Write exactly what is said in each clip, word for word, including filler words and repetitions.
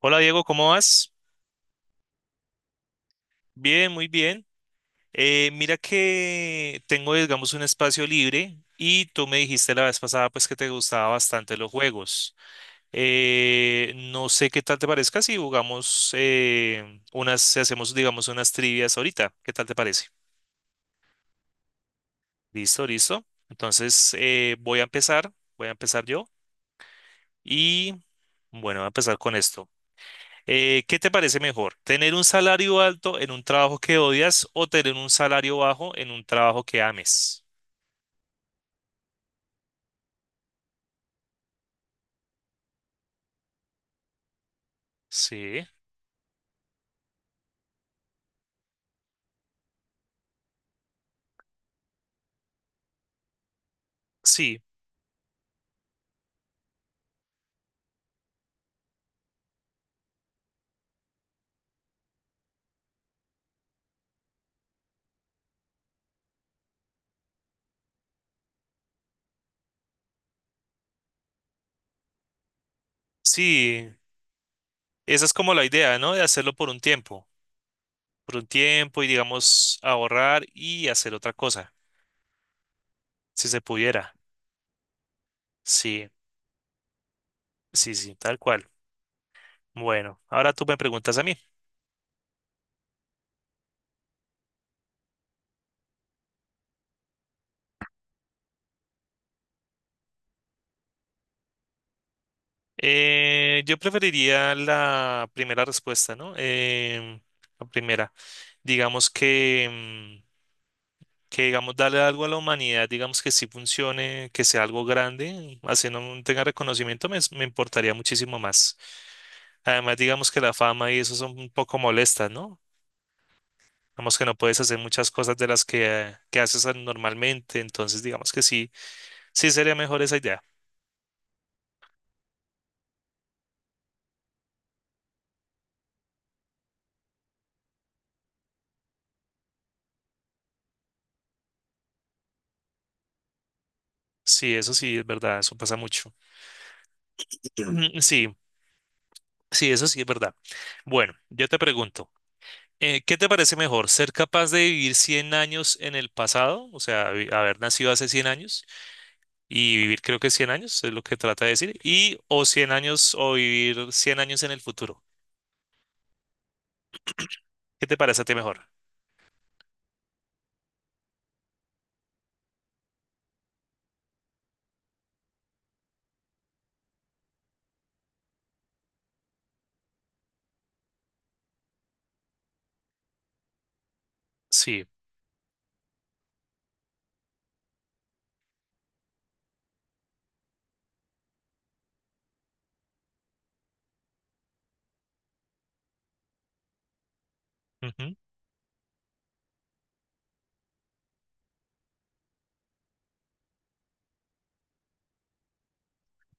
Hola Diego, ¿cómo vas? Bien, muy bien. Eh, mira que tengo, digamos, un espacio libre y tú me dijiste la vez pasada pues que te gustaban bastante los juegos. Eh, no sé qué tal te parezca si jugamos eh, unas, si hacemos, digamos, unas trivias ahorita. ¿Qué tal te parece? Listo, listo. Entonces eh, voy a empezar, voy a empezar yo y bueno, voy a empezar con esto. Eh, ¿qué te parece mejor? ¿Tener un salario alto en un trabajo que odias o tener un salario bajo en un trabajo que ames? Sí, sí, sí. Esa es como la idea, ¿no? De hacerlo por un tiempo, por un tiempo y digamos ahorrar y hacer otra cosa, si se pudiera. Sí, sí, sí, tal cual. Bueno, ahora tú me preguntas a mí. Eh, yo preferiría la primera respuesta, ¿no? Em, la primera. Digamos que... mm, que digamos darle algo a la humanidad, digamos que sí funcione, que sea algo grande, así no tenga reconocimiento, me, me importaría muchísimo más. Además, digamos que la fama y eso son un poco molestas, ¿no? Digamos que no puedes hacer muchas cosas de las que, que haces normalmente, entonces digamos que sí, sí sería mejor esa idea. Sí, eso sí es verdad, eso pasa mucho. Sí, sí, eso sí es verdad. Bueno, yo te pregunto. eh, ¿qué te parece mejor? ¿Ser capaz de vivir cien años en el pasado? O sea, vi- haber nacido hace cien años y vivir creo que cien años es lo que trata de decir. Y o cien años o vivir cien años en el futuro. ¿Qué te parece a ti mejor? Sí. Ujú.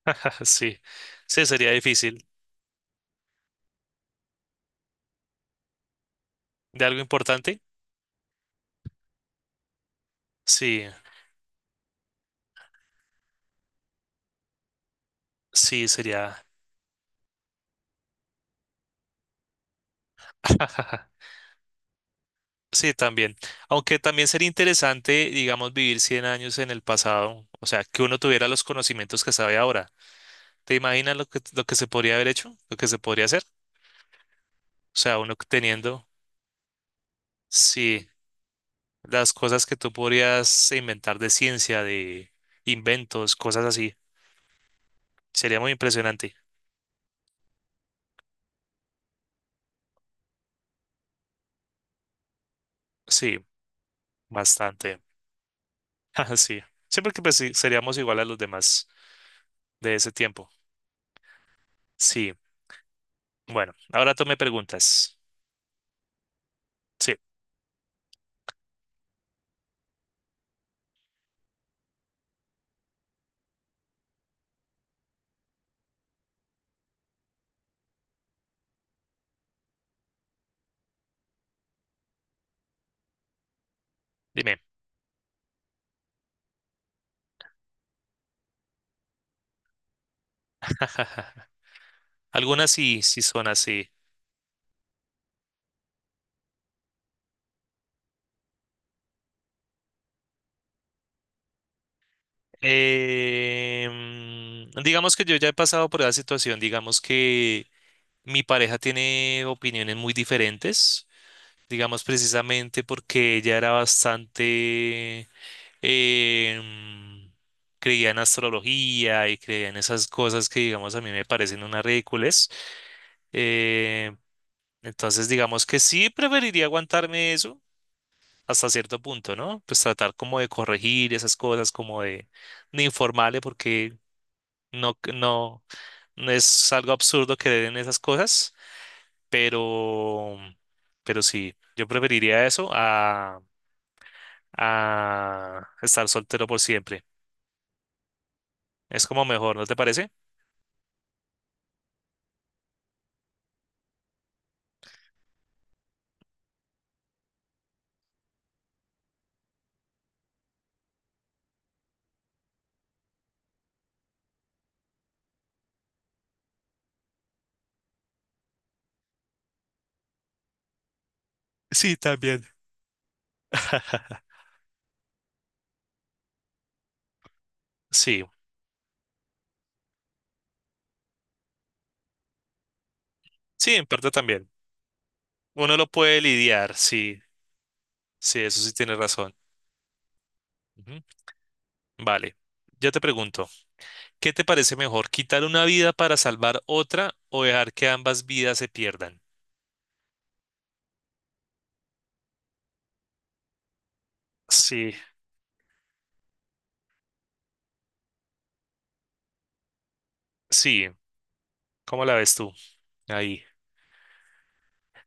Sí. Sí, sería difícil. ¿De algo importante? Sí. Sí, sería. Sí, también. Aunque también sería interesante, digamos, vivir cien años en el pasado. O sea, que uno tuviera los conocimientos que sabe ahora. ¿Te imaginas lo que, lo que se podría haber hecho? ¿Lo que se podría hacer? O sea, uno teniendo... Sí, las cosas que tú podrías inventar de ciencia, de inventos, cosas así. Sería muy impresionante. Sí, bastante. Ajá. Sí. Siempre que pues, sí, seríamos igual a los demás de ese tiempo. Sí. Bueno, ahora tú me preguntas. Sí, dime. Algunas sí, sí son así. Em, digamos que yo ya he pasado por esa situación. Digamos que mi pareja tiene opiniones muy diferentes. Digamos precisamente porque ella era bastante. Em, Creía en astrología y creía en esas cosas que, digamos, a mí me parecen unas ridículas. Eh, entonces, digamos que sí preferiría aguantarme eso hasta cierto punto, ¿no? Pues tratar como de corregir esas cosas, como de, de informarle, porque no, no, no es algo absurdo creer en esas cosas, pero, pero sí, yo preferiría eso a, a estar soltero por siempre. Es como mejor, ¿no te parece? Sí, también. Sí, sí, en parte también. Uno lo puede lidiar, sí, sí, eso sí tienes razón. Ujú. Vale, yo te pregunto, ¿qué te parece mejor, quitar una vida para salvar otra o dejar que ambas vidas se pierdan? Sí, sí, ¿cómo la ves tú ahí?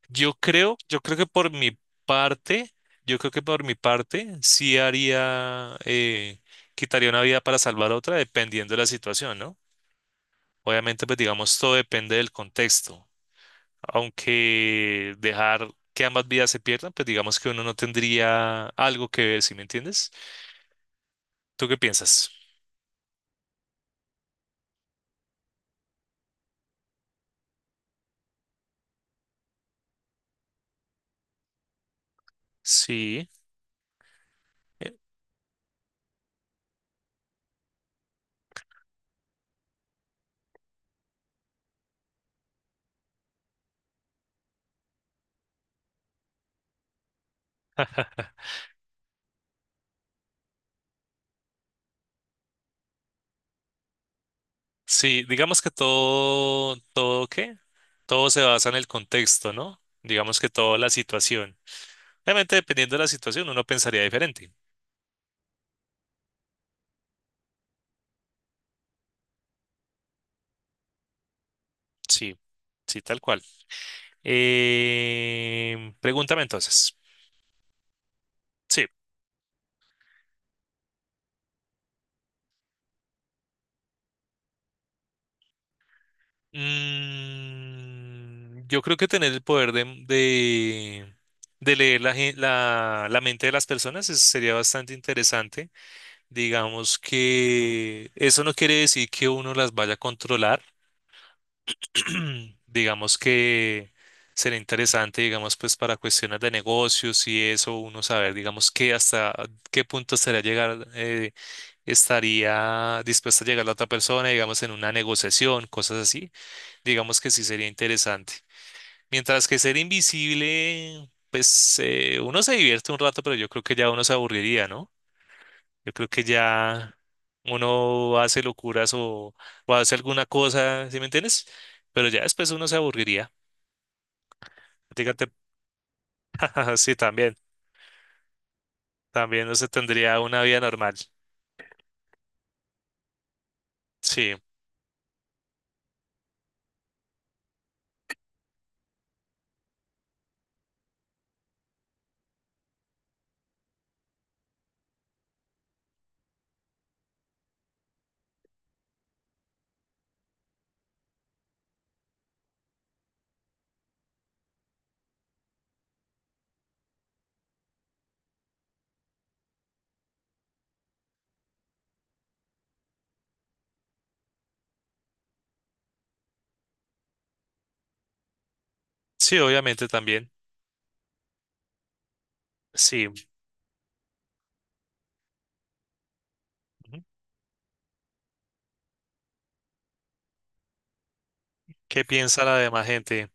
Yo creo, yo creo que por mi parte, yo creo que por mi parte sí haría, eh, quitaría una vida para salvar otra dependiendo de la situación, ¿no? Obviamente, pues digamos, todo depende del contexto, aunque dejar que ambas vidas se pierdan, pues digamos que uno no tendría algo que ver, ¿sí me entiendes? ¿Tú qué piensas? Sí, eh, sí, digamos que todo, todo qué, todo se basa en el contexto, ¿no? Digamos que toda la situación. Obviamente, dependiendo de la situación, uno pensaría diferente. Sí, sí, tal cual. Eh, pregúntame entonces. Sí. Mm, yo creo que tener el poder de, de, de leer la, gen- la, la mente de las personas es- sería bastante interesante. Digamos que eso no quiere decir que uno las vaya a controlar. Digamos que sería interesante, digamos, pues para cuestiones de negocios y eso, uno saber, digamos, que hasta qué punto sería llegar eh, estaría dispuesta a llegar la otra persona, digamos, en una negociación, cosas así, digamos que sí sería interesante. Mientras que ser invisible, pues eh, uno se divierte un rato, pero yo creo que ya uno se aburriría, ¿no? Yo creo que ya uno hace locuras o, o hace alguna cosa, ¿sí me entiendes? Pero ya después uno se aburriría. Dígate, sí, también, también no se tendría una vida normal. Sí, sí, obviamente también. Sí. Ujú. ¿Qué piensa la demás gente?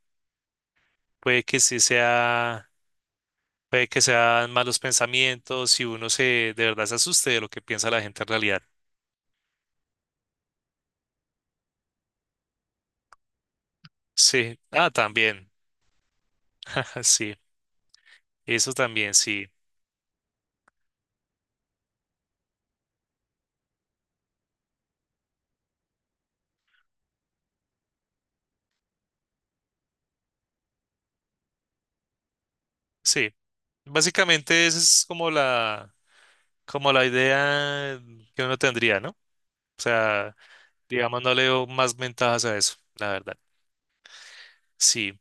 Puede que sí sea, puede que sean malos pensamientos y uno se, de verdad se asuste de lo que piensa la gente en realidad. Sí, ah, también, sí, eso también, sí, sí. Básicamente esa es como la, como la idea que uno tendría, ¿no? O sea, digamos, no le veo más ventajas a eso, la verdad. Sí.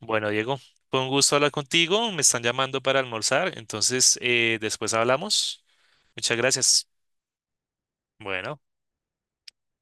Bueno, Diego, fue un gusto hablar contigo. Me están llamando para almorzar, entonces eh, después hablamos. Muchas gracias. Bueno.